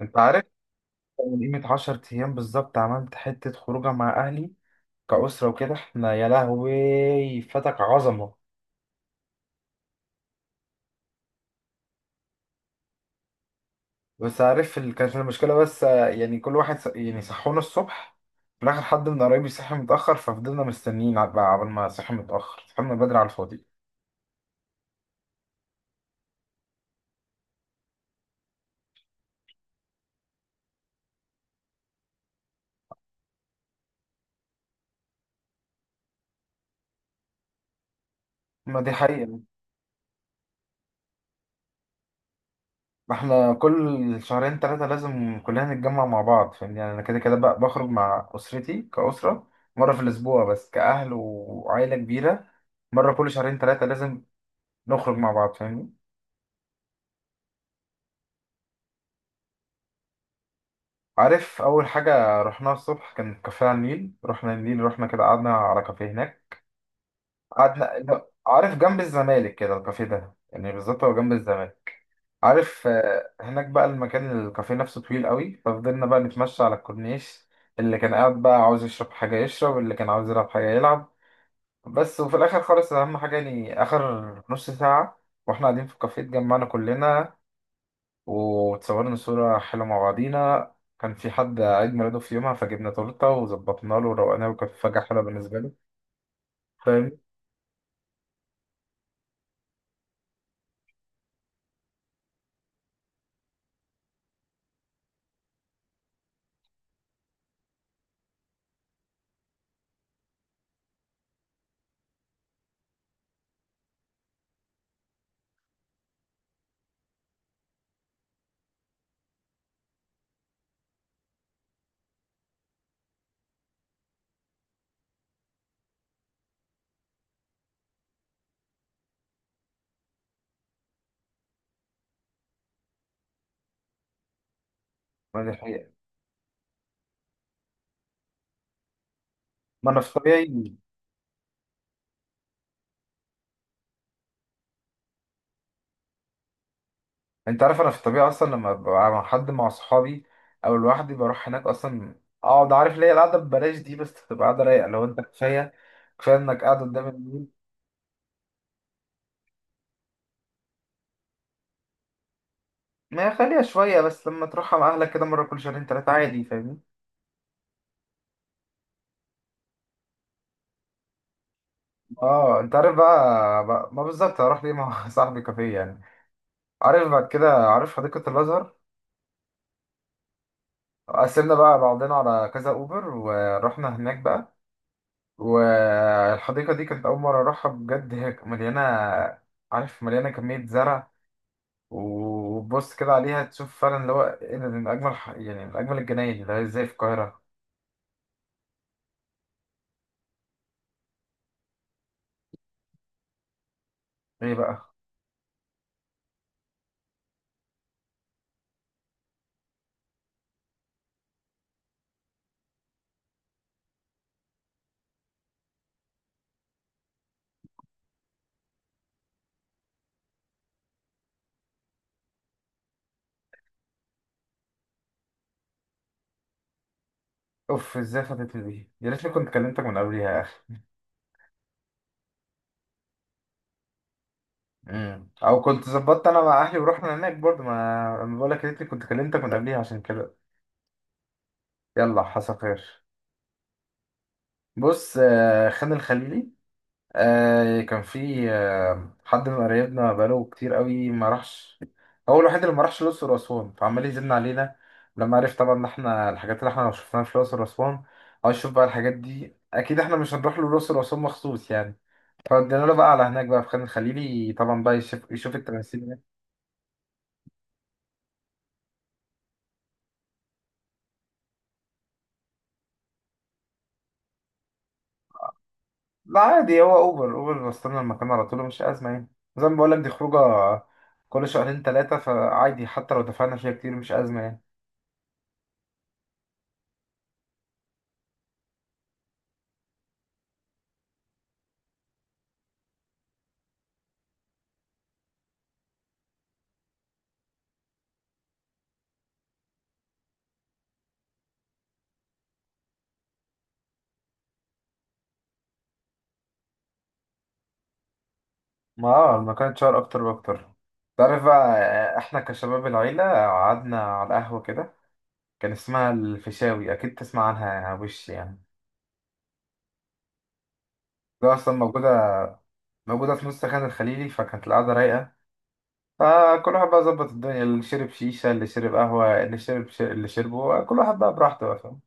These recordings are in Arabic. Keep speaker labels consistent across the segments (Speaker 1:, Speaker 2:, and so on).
Speaker 1: انت عارف، من قيمة 10 ايام بالظبط عملت حتة خروجة مع اهلي كأسرة وكده. احنا يا لهوي فتك عظمة. بس عارف، كانت المشكلة بس، يعني كل واحد يعني صحونا الصبح. في الاخر حد من قرايبي صحي متأخر، ففضلنا مستنيين بقى، عبال ما صحي متأخر صحينا بدري على الفاضي. ما دي حقيقة. ما احنا كل شهرين ثلاثة لازم كلنا نتجمع مع بعض، فاهمني؟ يعني انا كده كده بقى بخرج مع أسرتي كأسرة مرة في الأسبوع، بس كأهل وعائلة كبيرة مرة كل شهرين ثلاثة لازم نخرج مع بعض، فاهمني؟ عارف اول حاجه رحناها الصبح كان كافيه على النيل. رحنا النيل، رحنا كده، قعدنا على كافيه هناك. قعدنا، لا، عارف جنب الزمالك كده الكافيه ده، يعني بالظبط هو جنب الزمالك. عارف، هناك بقى المكان، الكافيه نفسه طويل قوي، ففضلنا بقى نتمشى على الكورنيش. اللي كان قاعد بقى عاوز يشرب حاجه يشرب، اللي كان عاوز يلعب حاجه يلعب. بس وفي الاخر خالص اهم حاجه يعني اخر نص ساعه واحنا قاعدين في الكافيه اتجمعنا كلنا، وتصورنا صورة حلوة مع بعضينا. كان في حد عيد ميلاده في يومها، فجبنا تورتة وظبطنا له وروقناه، وكانت فجأة حلوة بالنسبة له، فاهم؟ ما دي حقيقة. ما أنا في طبيعي. أنت عارف أنا في الطبيعي أصلا لما ببقى مع حد، مع صحابي أو لوحدي، بروح هناك أصلا أقعد. عارف ليه؟ القعدة ببلاش دي، بس تبقى قعدة رايقة لو أنت كفاية إنك قاعد قدام النيل. ما خليها شوية، بس لما تروحها مع أهلك كده مرة كل شهرين تلاتة عادي، فاهمني؟ اه، انت عارف بقى، ما بالظبط هروح ليه مع صاحبي كافيه يعني؟ عارف بعد كده، عارف حديقة الأزهر؟ قسمنا بقى بعضنا على كذا أوبر ورحنا هناك بقى. والحديقة دي كانت أول مرة أروحها بجد، هي مليانة، عارف؟ مليانة كمية زرع. وبص كده عليها تشوف فعلا اللي هو إيه ده، دي من أجمل يعني من أجمل الجناين اللي هي إزاي في القاهرة. إيه بقى؟ أوف، إزاي فاتتني دي؟ يا ريتني كنت كلمتك من قبليها يا أخي. مم. أو كنت ظبطت أنا مع أهلي ورحنا هناك برضه. ما أنا بقول لك يا ريتني كنت كلمتك من قبليها عشان كده. يلا، حصل خير. بص، خان الخليلي. كان في، حد من قرايبنا بقاله كتير قوي ما راحش. هو الوحيد اللي ما راحش الأقصر وأسوان، فعمال يزن علينا لما عرف طبعا إن إحنا الحاجات اللي إحنا ما شفناها في الأقصر وأسوان عايز أشوف بقى الحاجات دي. أكيد إحنا مش هنروح له الأقصر وأسوان مخصوص يعني، فودينا له بقى على هناك بقى في خان الخليلي، طبعا بقى يشوف يشوف التماثيل هناك. لا عادي، هو أوبر أوبر وصلنا المكان على طول، مش أزمة يعني. زي ما بقولك، دي خروجة كل شهرين تلاتة، فعادي حتى لو دفعنا فيها كتير مش أزمة يعني. ما اه، المكان اتشهر اكتر واكتر. تعرف بقى، احنا كشباب العيلة قعدنا على قهوة كده، كان اسمها الفيشاوي. اكيد تسمع عنها وش يعني. ده اصلا موجودة في نص خان الخليلي. فكانت القعدة رايقة، فكل واحد بقى ظبط الدنيا، اللي شرب شيشة، اللي شرب قهوة، اللي شرب اللي شربه، كل واحد بقى براحته بقى، فاهم؟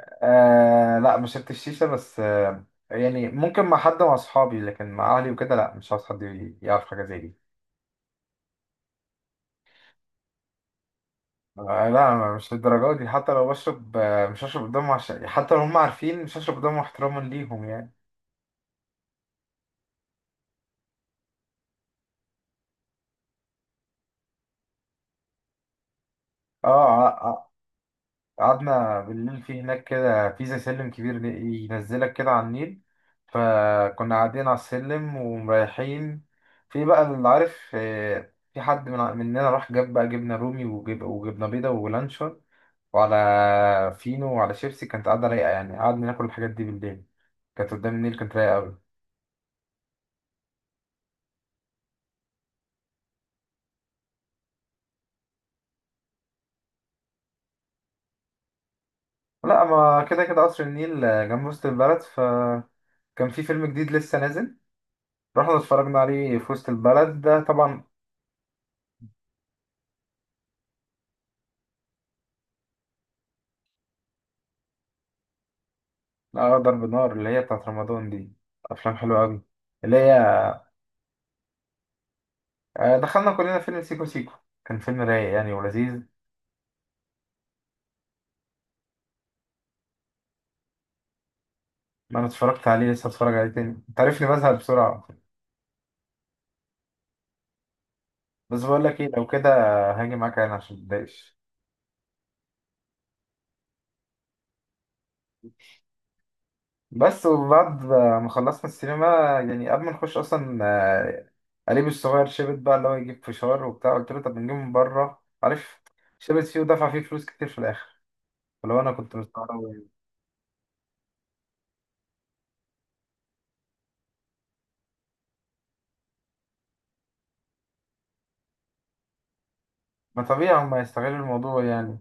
Speaker 1: آه لا، ما شربتش الشيشة، بس آه. يعني ممكن مع حد مع اصحابي، لكن مع اهلي وكده لا، مش عاوز حد يعرف حاجة زي دي. آه لا، مش للدرجة دي، حتى لو بشرب مش هشرب قدامهم، عشان حتى لو هم عارفين مش هشرب قدامهم احتراما ليهم يعني. اه، قعدنا بالليل في هناك كده، في زي سلم كبير ينزلك كده على النيل. فكنا قاعدين على السلم ومريحين. في بقى اللي عارف، في حد من مننا راح جاب بقى جبنة رومي، وجبنة بيضة ولانشون، وعلى فينو وعلى شيبسي، كانت قاعدة رايقة يعني. قعدنا ناكل الحاجات دي بالليل كانت قدام النيل، كانت رايقة أوي. لا، ما كده كده قصر النيل جنب وسط البلد، فكان في فيلم جديد لسه نازل، رحنا اتفرجنا عليه في وسط البلد ده طبعا. أقدر بنار اللي هي بتاعت رمضان دي أفلام حلوة أوي اللي هي، دخلنا كلنا فيلم سيكو سيكو، كان فيلم رايق يعني ولذيذ. أنا اتفرجت عليه، لسه اتفرج عليه تاني. أنت عارفني بزهق بسرعة، بس بقول لك إيه؟ لو كده هاجي معاك أنا عشان متضايقش. بس وبعد ما خلصنا السينما، يعني قبل ما نخش اصلا، قريبي الصغير شبت بقى اللي هو يجيب فشار وبتاع، قلت له طب نجيب من بره، عارف؟ شبت فيه ودفع فيه فلوس كتير في الاخر، فلو انا كنت مستغرب يعني. ما طبيعي هما يستغلوا الموضوع يعني.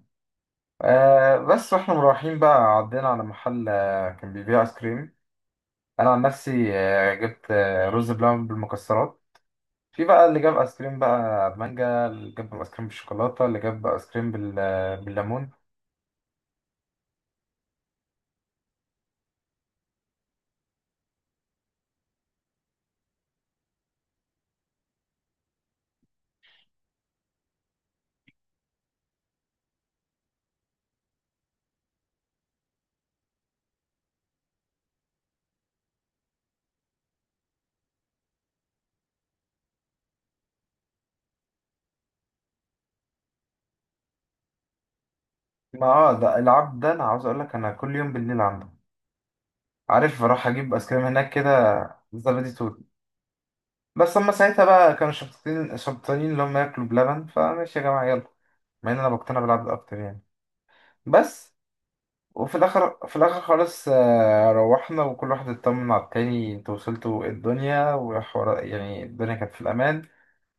Speaker 1: آه بس واحنا مروحين بقى عدينا على محل، كان بيبيع ايس كريم. انا عن نفسي جبت رز بلبن بالمكسرات. في بقى اللي جاب ايس كريم بقى مانجا، اللي جاب ايس كريم بالشوكولاته، اللي جاب ايس كريم بالليمون. ما اه، ده العب ده، انا عاوز اقول لك انا كل يوم بالليل عنده، عارف، بروح اجيب ايس كريم هناك كده. زبادي توت. بس هما ساعتها بقى كانوا شبطتين شبطانين اللي هم ياكلوا بلبن، فماشي يا جماعه يلا. مع ان انا بقتنع بالعبد اكتر يعني. بس. وفي الاخر في الاخر خالص، روحنا وكل واحد اطمن على التاني. انتوا وصلتوا؟ إيه الدنيا وحوار، يعني الدنيا كانت في الامان.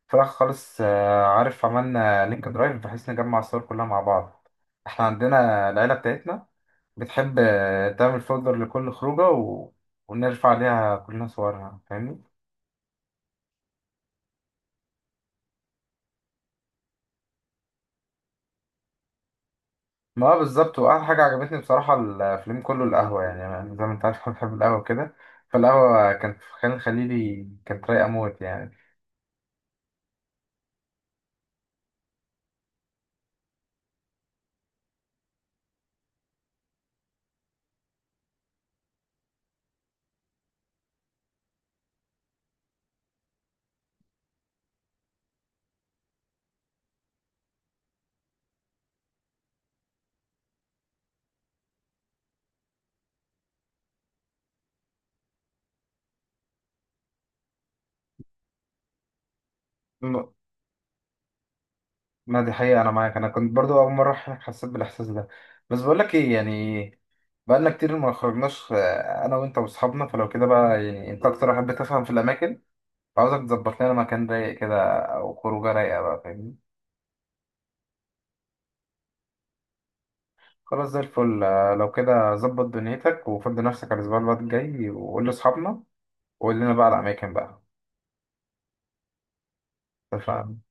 Speaker 1: في الاخر خالص، عارف، عملنا لينك درايف بحيث نجمع الصور كلها مع بعض. احنا عندنا العيله بتاعتنا بتحب تعمل فولدر لكل خروجة، ونرفع عليها كلنا صورها، فاهمني؟ ما هو بالظبط. وأحلى حاجة عجبتني بصراحة الفيلم كله القهوة، يعني أنا زي ما أنت عارف أنا بحب القهوة كده، فالقهوة كانت في خان الخليلي كانت رايقة موت يعني. م- ما دي حقيقة، أنا معاك. أنا كنت برضو أول مرة أروح هناك حسيت بالإحساس ده. بس بقولك إيه يعني؟ بقالنا كتير ما خرجناش، أنا وأنت وأصحابنا، فلو كده بقى يعني أنت أكتر واحد بتفهم في الأماكن، فعاوزك تظبط لنا مكان رايق كده أو خروجة رايقة بقى، فاهمني؟ خلاص، زي الفل. لو كده ظبط دنيتك وفضي نفسك على الأسبوع اللي الجاي، وقول لأصحابنا وقول لنا بقى على الأماكن بقى. اتفقنا.